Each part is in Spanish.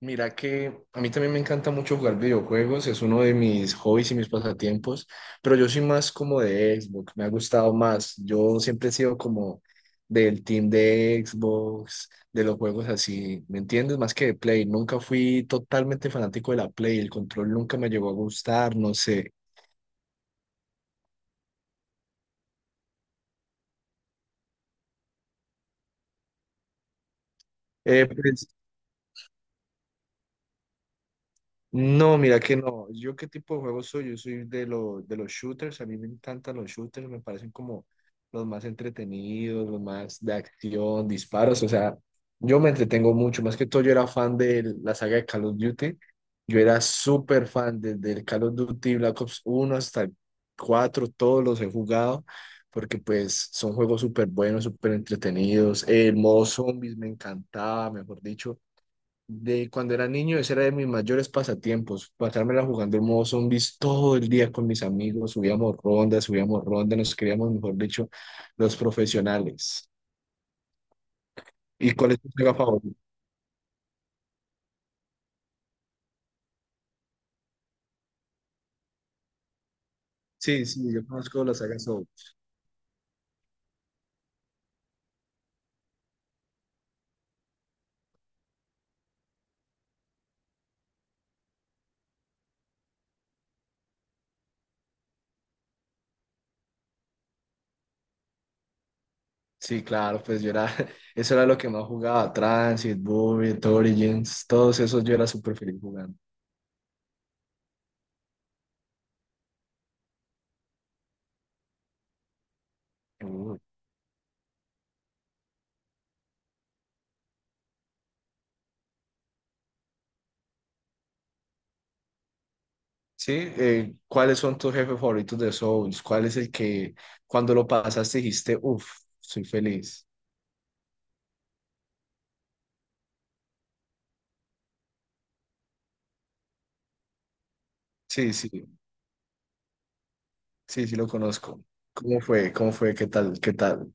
Mira que a mí también me encanta mucho jugar videojuegos, es uno de mis hobbies y mis pasatiempos, pero yo soy más como de Xbox, me ha gustado más. Yo siempre he sido como del team de Xbox, de los juegos así, ¿me entiendes? Más que de Play, nunca fui totalmente fanático de la Play, el control nunca me llegó a gustar, no sé. Eh, pues, No, mira que no. ¿Yo qué tipo de juegos soy? Yo soy de, de los shooters. A mí me encantan los shooters. Me parecen como los más entretenidos, los más de acción, disparos. O sea, yo me entretengo mucho. Más que todo, yo era fan de la saga de Call of Duty. Yo era súper fan desde el Call of Duty Black Ops uno hasta el 4. Todos los he jugado porque pues son juegos súper buenos, súper entretenidos. El modo zombies me encantaba, mejor dicho. De cuando era niño, ese era de mis mayores pasatiempos, pasármela jugando el modo zombies todo el día con mis amigos, subíamos rondas, nos creíamos, mejor dicho, los profesionales. ¿Y cuál es tu saga favorita? Sí, sí, yo conozco la saga Souls. Sí, claro, pues yo era, eso era lo que más jugaba, Transit, Bullet, Origins, todos esos yo era súper feliz jugando. Uy. Sí, ¿cuáles son tus jefes favoritos de Souls? ¿Cuál es el que cuando lo pasaste dijiste, uff, soy feliz? Sí, sí. Sí, sí lo conozco. ¿Cómo fue? ¿Cómo fue? ¿Qué tal? ¿Qué tal?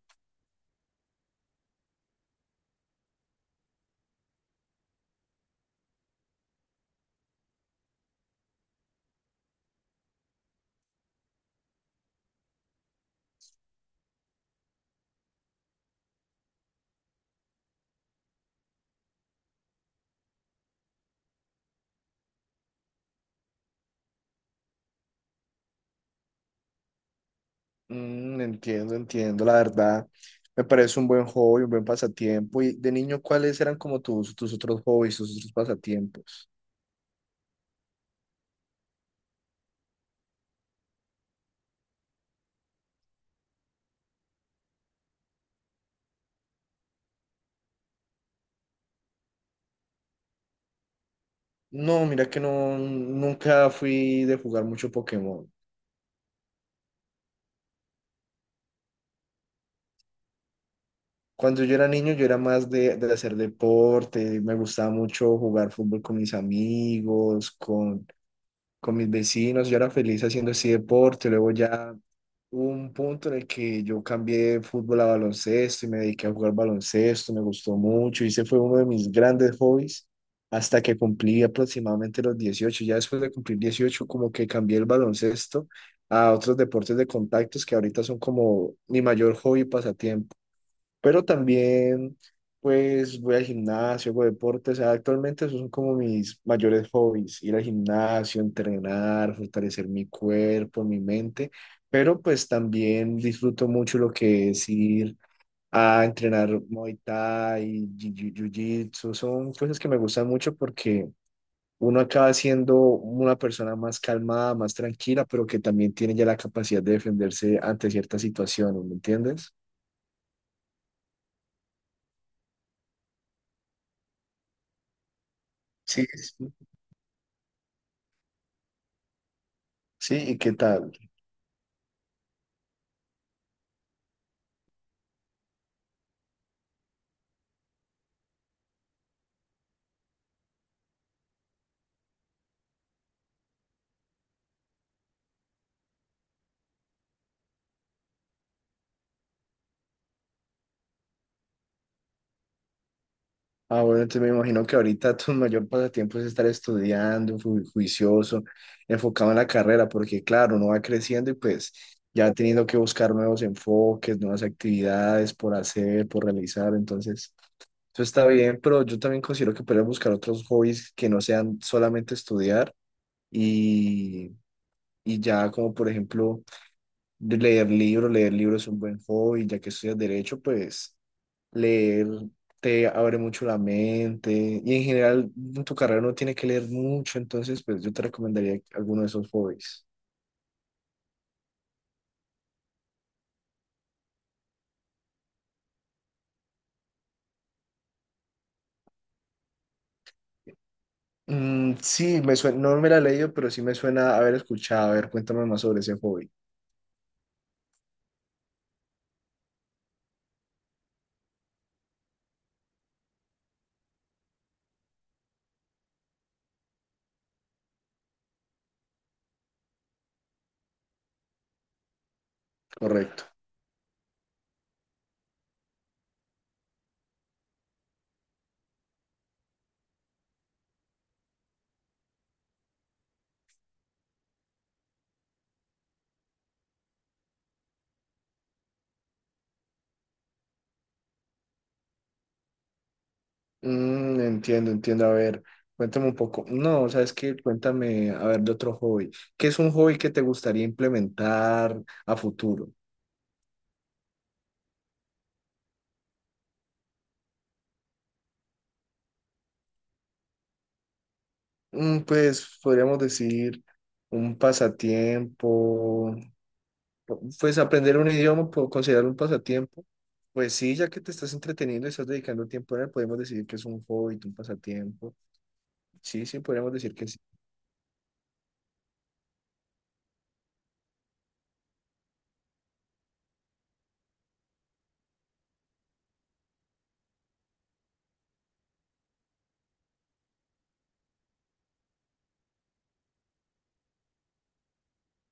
Mm, entiendo, entiendo, la verdad. Me parece un buen hobby, un buen pasatiempo. Y de niño, ¿cuáles eran como tus, tus otros hobbies, tus otros pasatiempos? No, mira que no, nunca fui de jugar mucho Pokémon. Cuando yo era niño, yo era más de hacer deporte, me gustaba mucho jugar fútbol con mis amigos, con mis vecinos, yo era feliz haciendo así deporte, luego ya hubo un punto en el que yo cambié de fútbol a baloncesto y me dediqué a jugar baloncesto, me gustó mucho y ese fue uno de mis grandes hobbies hasta que cumplí aproximadamente los 18. Ya después de cumplir 18 como que cambié el baloncesto a otros deportes de contactos que ahorita son como mi mayor hobby y pasatiempo, pero también pues voy al gimnasio, hago deporte, o sea, actualmente esos son como mis mayores hobbies, ir al gimnasio, entrenar, fortalecer mi cuerpo, mi mente, pero pues también disfruto mucho lo que es ir a entrenar Muay Thai, Jiu-Jitsu, son cosas que me gustan mucho porque uno acaba siendo una persona más calmada, más tranquila, pero que también tiene ya la capacidad de defenderse ante ciertas situaciones, ¿me entiendes? Sí, sí. Sí, ¿y qué tal? Ah, bueno, entonces me imagino que ahorita tu mayor pasatiempo es estar estudiando, juicioso, enfocado en la carrera, porque claro, uno va creciendo y pues ya teniendo que buscar nuevos enfoques, nuevas actividades por hacer, por realizar, entonces eso está bien, pero yo también considero que puedes buscar otros hobbies que no sean solamente estudiar y, y ya como por ejemplo de leer libros es un buen hobby, ya que estudias derecho, pues... Leer te abre mucho la mente y en general en tu carrera no tiene que leer mucho, entonces pues yo te recomendaría alguno de esos hobbies. Mm, sí, me suena, no me la he leído, pero sí me suena haber escuchado. A ver, cuéntame más sobre ese hobby. Correcto. Mm, entiendo, entiendo. A ver, cuéntame un poco. No, ¿sabes qué? Cuéntame, a ver, de otro hobby. ¿Qué es un hobby que te gustaría implementar a futuro? Mm, pues podríamos decir un pasatiempo. Pues aprender un idioma, puedo considerarlo un pasatiempo. Pues sí, ya que te estás entreteniendo y estás dedicando tiempo a él, podemos decir que es un hobby, un pasatiempo. Sí, sí, podríamos decir que sí.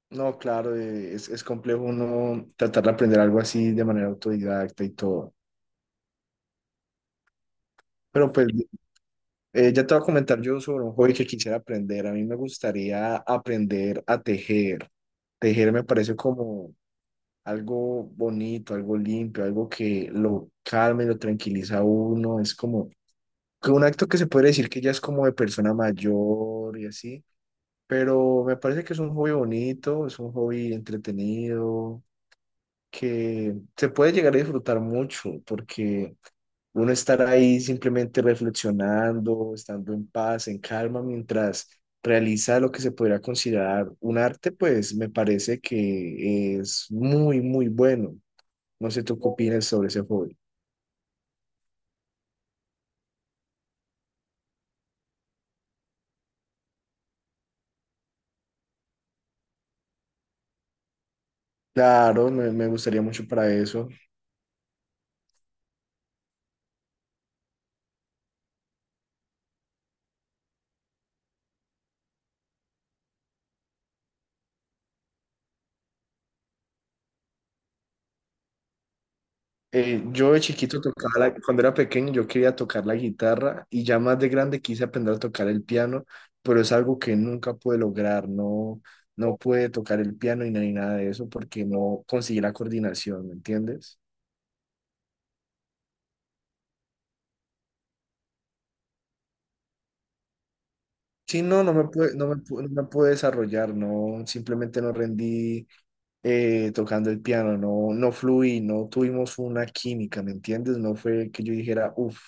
No, claro, es complejo uno tratar de aprender algo así de manera autodidacta y todo. Pero pues ya te voy a comentar yo sobre un hobby que quisiera aprender. A mí me gustaría aprender a tejer. Tejer me parece como algo bonito, algo limpio, algo que lo calma y lo tranquiliza a uno. Es como que un acto que se puede decir que ya es como de persona mayor y así, pero me parece que es un hobby bonito, es un hobby entretenido, que se puede llegar a disfrutar mucho, porque uno estar ahí simplemente reflexionando, estando en paz, en calma, mientras realiza lo que se podría considerar un arte, pues me parece que es muy, muy bueno. No sé tú qué opinas sobre ese hobby. Claro, me gustaría mucho para eso. Yo de chiquito tocaba, cuando era pequeño yo quería tocar la guitarra y ya más de grande quise aprender a tocar el piano, pero es algo que nunca pude lograr, no, no pude tocar el piano y ni nada de eso porque no conseguí la coordinación, ¿me entiendes? Sí, no, no me pude desarrollar, no, simplemente no rendí tocando el piano, no, no fluí, no tuvimos una química, ¿me entiendes? No fue que yo dijera, uff.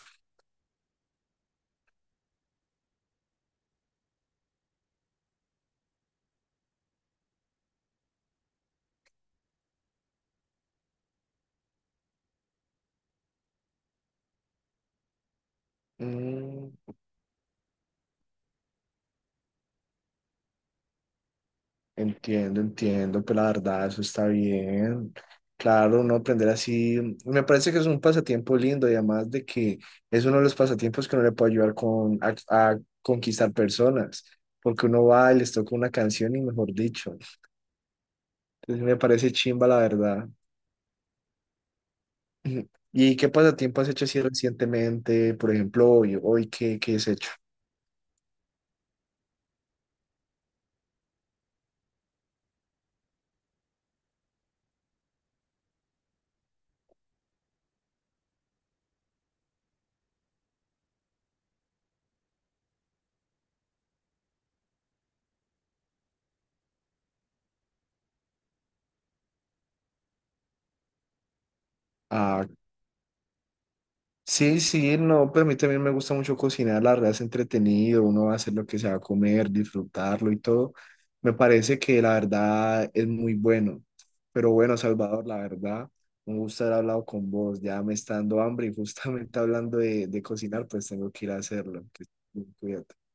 Entiendo, entiendo, pues la verdad, eso está bien. Claro, uno aprender así, me parece que es un pasatiempo lindo y además de que es uno de los pasatiempos que uno le puede ayudar con, a conquistar personas, porque uno va y les toca una canción y mejor dicho. Entonces me parece chimba, la verdad. Ujú. ¿Y qué pasatiempo has hecho así recientemente? Por ejemplo, hoy, hoy ¿qué, qué has hecho? Ah. Sí, sí, no, pero a mí también me gusta mucho cocinar, la verdad es entretenido, uno va a hacer lo que se va a comer, disfrutarlo y todo. Me parece que la verdad es muy bueno. Pero bueno, Salvador, la verdad, un gusto haber hablado con vos, ya me está dando hambre y justamente hablando de cocinar, pues tengo que ir a hacerlo. Que- Cuídate.